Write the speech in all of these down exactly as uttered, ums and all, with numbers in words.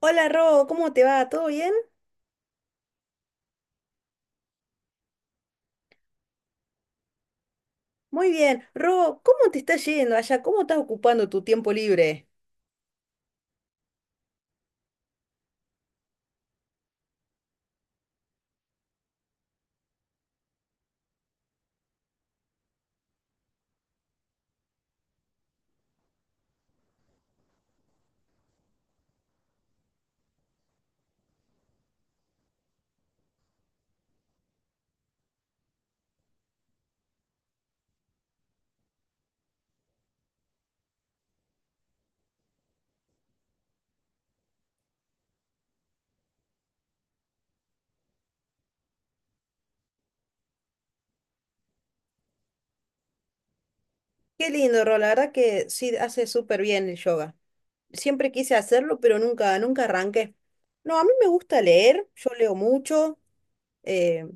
Hola Ro, ¿cómo te va? ¿Todo bien? Muy bien. Ro, ¿cómo te está yendo allá? ¿Cómo estás ocupando tu tiempo libre? Qué lindo, Ro, la verdad que sí hace súper bien el yoga. Siempre quise hacerlo, pero nunca, nunca arranqué. No, a mí me gusta leer, yo leo mucho, eh,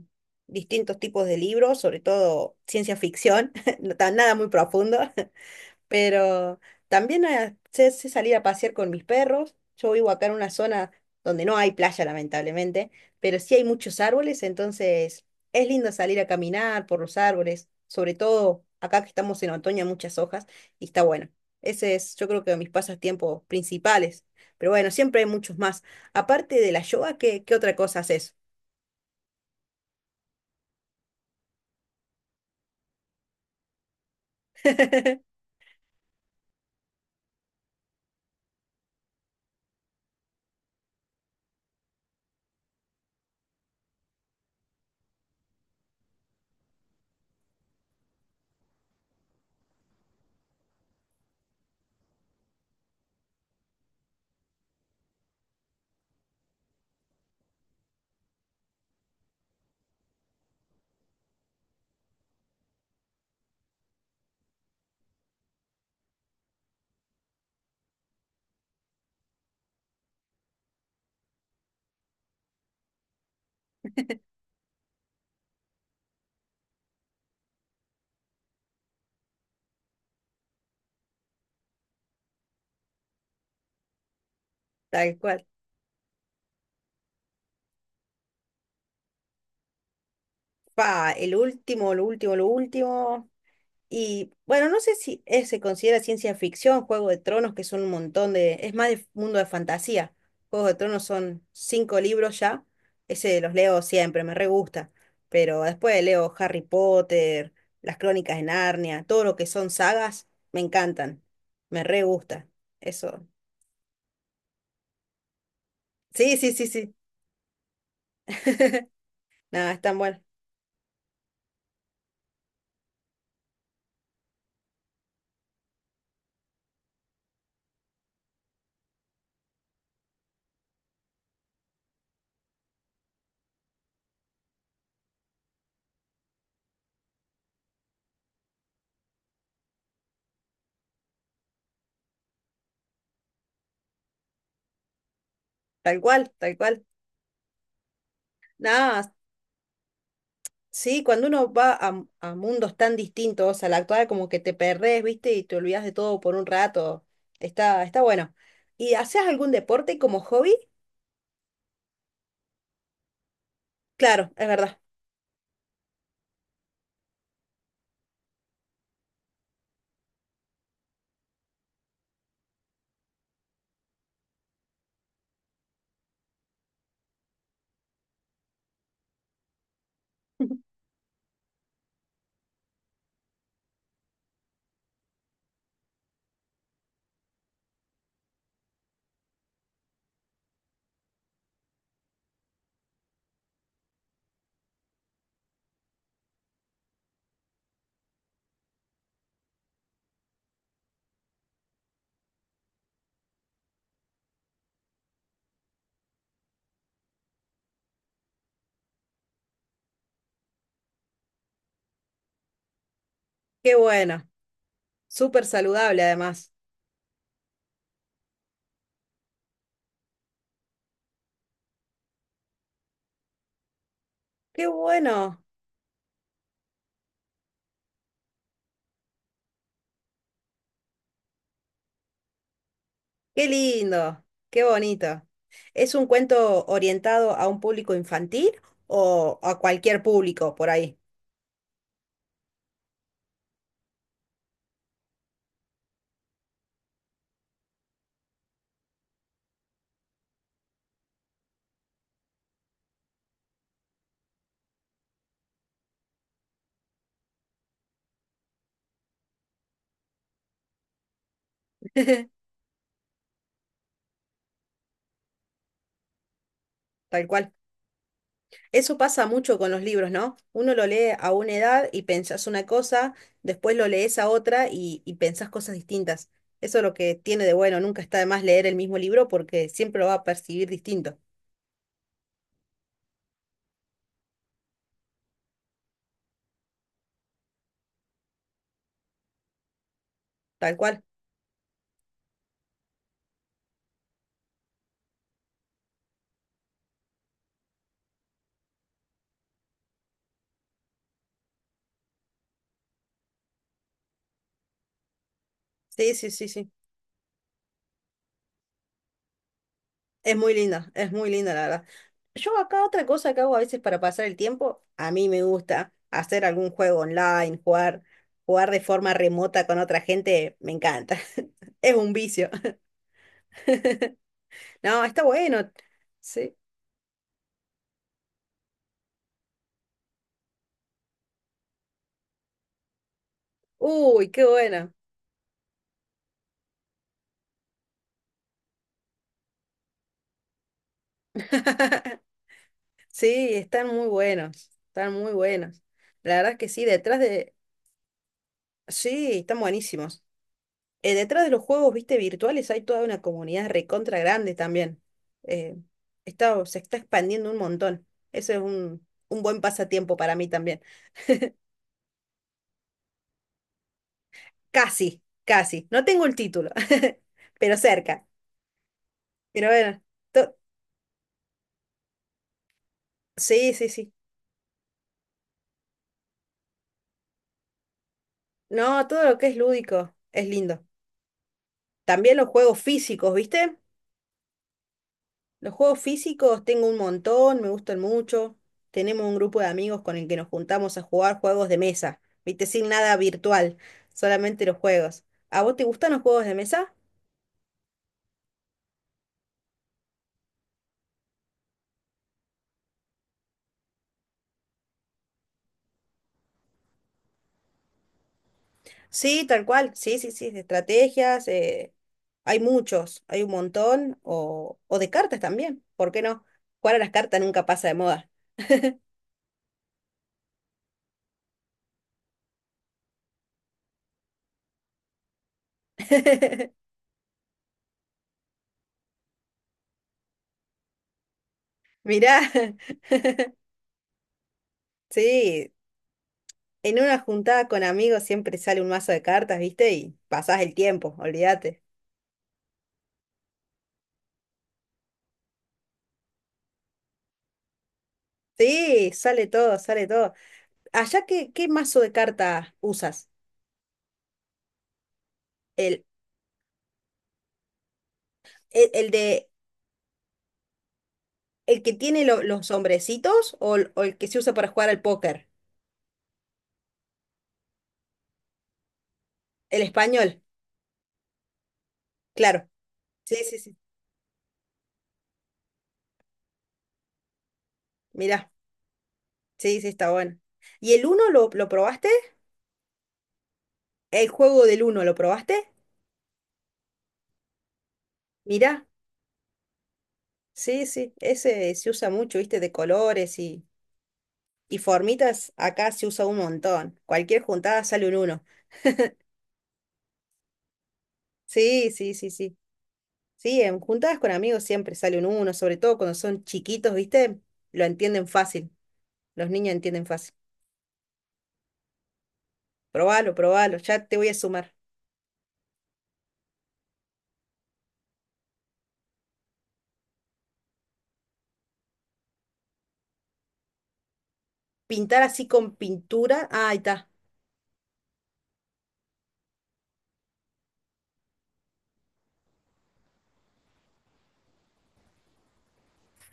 distintos tipos de libros, sobre todo ciencia ficción, no tan- nada muy profundo. Pero también eh, sé, sé salir a pasear con mis perros. Yo vivo acá en una zona donde no hay playa, lamentablemente, pero sí hay muchos árboles, entonces es lindo salir a caminar por los árboles, sobre todo acá que estamos en otoño, hay muchas hojas y está bueno. Ese es, yo creo que mis pasatiempos principales. Pero bueno, siempre hay muchos más. Aparte de la yoga, ¿qué, qué otra cosa haces? Tal cual. Pa, el último, lo último, lo último. Y bueno, no sé si es- se considera ciencia ficción, Juego de Tronos, que son un montón de... Es más de mundo de fantasía. Juego de Tronos son cinco libros ya. Ese los leo siempre, me re gusta. Pero después leo Harry Potter, las Crónicas de Narnia, todo lo que son sagas, me encantan. Me re gusta. Eso. Sí, sí, sí, sí. Nada, es tan bueno. Tal cual, tal cual. Nada, sí, cuando uno va a, a mundos tan distintos al actual, como que te perdés, ¿viste? Y te olvidás de todo por un rato. Está, está bueno. ¿Y haces algún deporte como hobby? Claro, es verdad. Qué bueno. Súper saludable además. Qué bueno. Qué lindo. Qué bonito. ¿Es un cuento orientado a un público infantil o a cualquier público por ahí? Tal cual. Eso pasa mucho con los libros, ¿no? Uno lo lee a una edad y pensás una cosa, después lo lees a otra y, y pensás cosas distintas. Eso es lo que tiene de bueno, nunca está de más leer el mismo libro porque siempre lo va a percibir distinto, tal cual. Sí, sí, sí, sí. Es muy linda, es muy linda la verdad. Yo acá otra cosa que hago a veces para pasar el tiempo, a mí me gusta hacer algún juego online, jugar, jugar, de forma remota con otra gente, me encanta. Es un vicio. No, está bueno. Sí. Uy, qué bueno. Sí, están muy buenos, están muy buenos. La verdad que sí, detrás de... Sí, están buenísimos. Eh, detrás de los juegos, viste, virtuales hay toda una comunidad recontra grande también. Eh, está- Se está expandiendo un montón. Eso es un, un buen pasatiempo para mí también. Casi, casi. No tengo el título, pero cerca. Pero bueno, to- sí, sí, sí. No, todo lo que es lúdico es lindo. También los juegos físicos, ¿viste? Los juegos físicos tengo un montón, me gustan mucho. Tenemos un grupo de amigos con el que nos juntamos a jugar juegos de mesa, ¿viste? Sin nada virtual, solamente los juegos. ¿A vos te gustan los juegos de mesa? Sí, tal cual. Sí, sí, sí, de estrategias. eh, Hay muchos, hay un montón. O, o de cartas también, ¿por qué no? Jugar a las cartas nunca pasa de moda. Mirá, sí, en una juntada con amigos siempre sale un mazo de cartas, ¿viste? Y pasás el tiempo, olvídate. Sí, sale todo, sale todo. Allá, ¿qué, qué mazo de cartas usas? ¿El, el, el de el que tiene lo- los hombrecitos o, el o el que se usa para jugar al póker? El español, claro. Sí, sí, sí. Mirá, sí, sí, está bueno. ¿Y el uno lo, lo probaste? ¿El juego del uno lo probaste? Mirá, sí, sí, ese se usa mucho, viste, de colores y, y formitas. Acá se usa un montón. Cualquier juntada sale un uno. Sí, sí, sí, sí. Sí, en juntadas con amigos siempre sale un uno, sobre todo cuando son chiquitos, ¿viste? Lo entienden fácil, los niños entienden fácil. Probalo, probalo, ya te voy a sumar. Pintar así con pintura, ah, ahí está.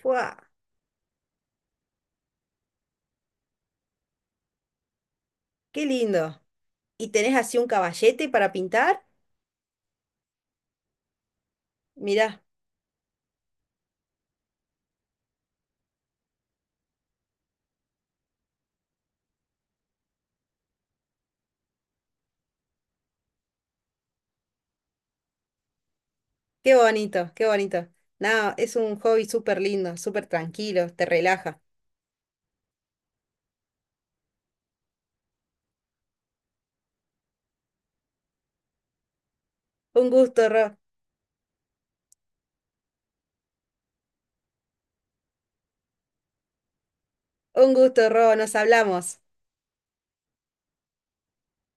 ¡Fua! ¡Qué lindo! ¿Y tenés así un caballete para pintar? Mirá, qué bonito, qué bonito. No, es un hobby súper lindo, súper tranquilo, te relaja. Un gusto, Ro, un gusto, Ro, nos hablamos.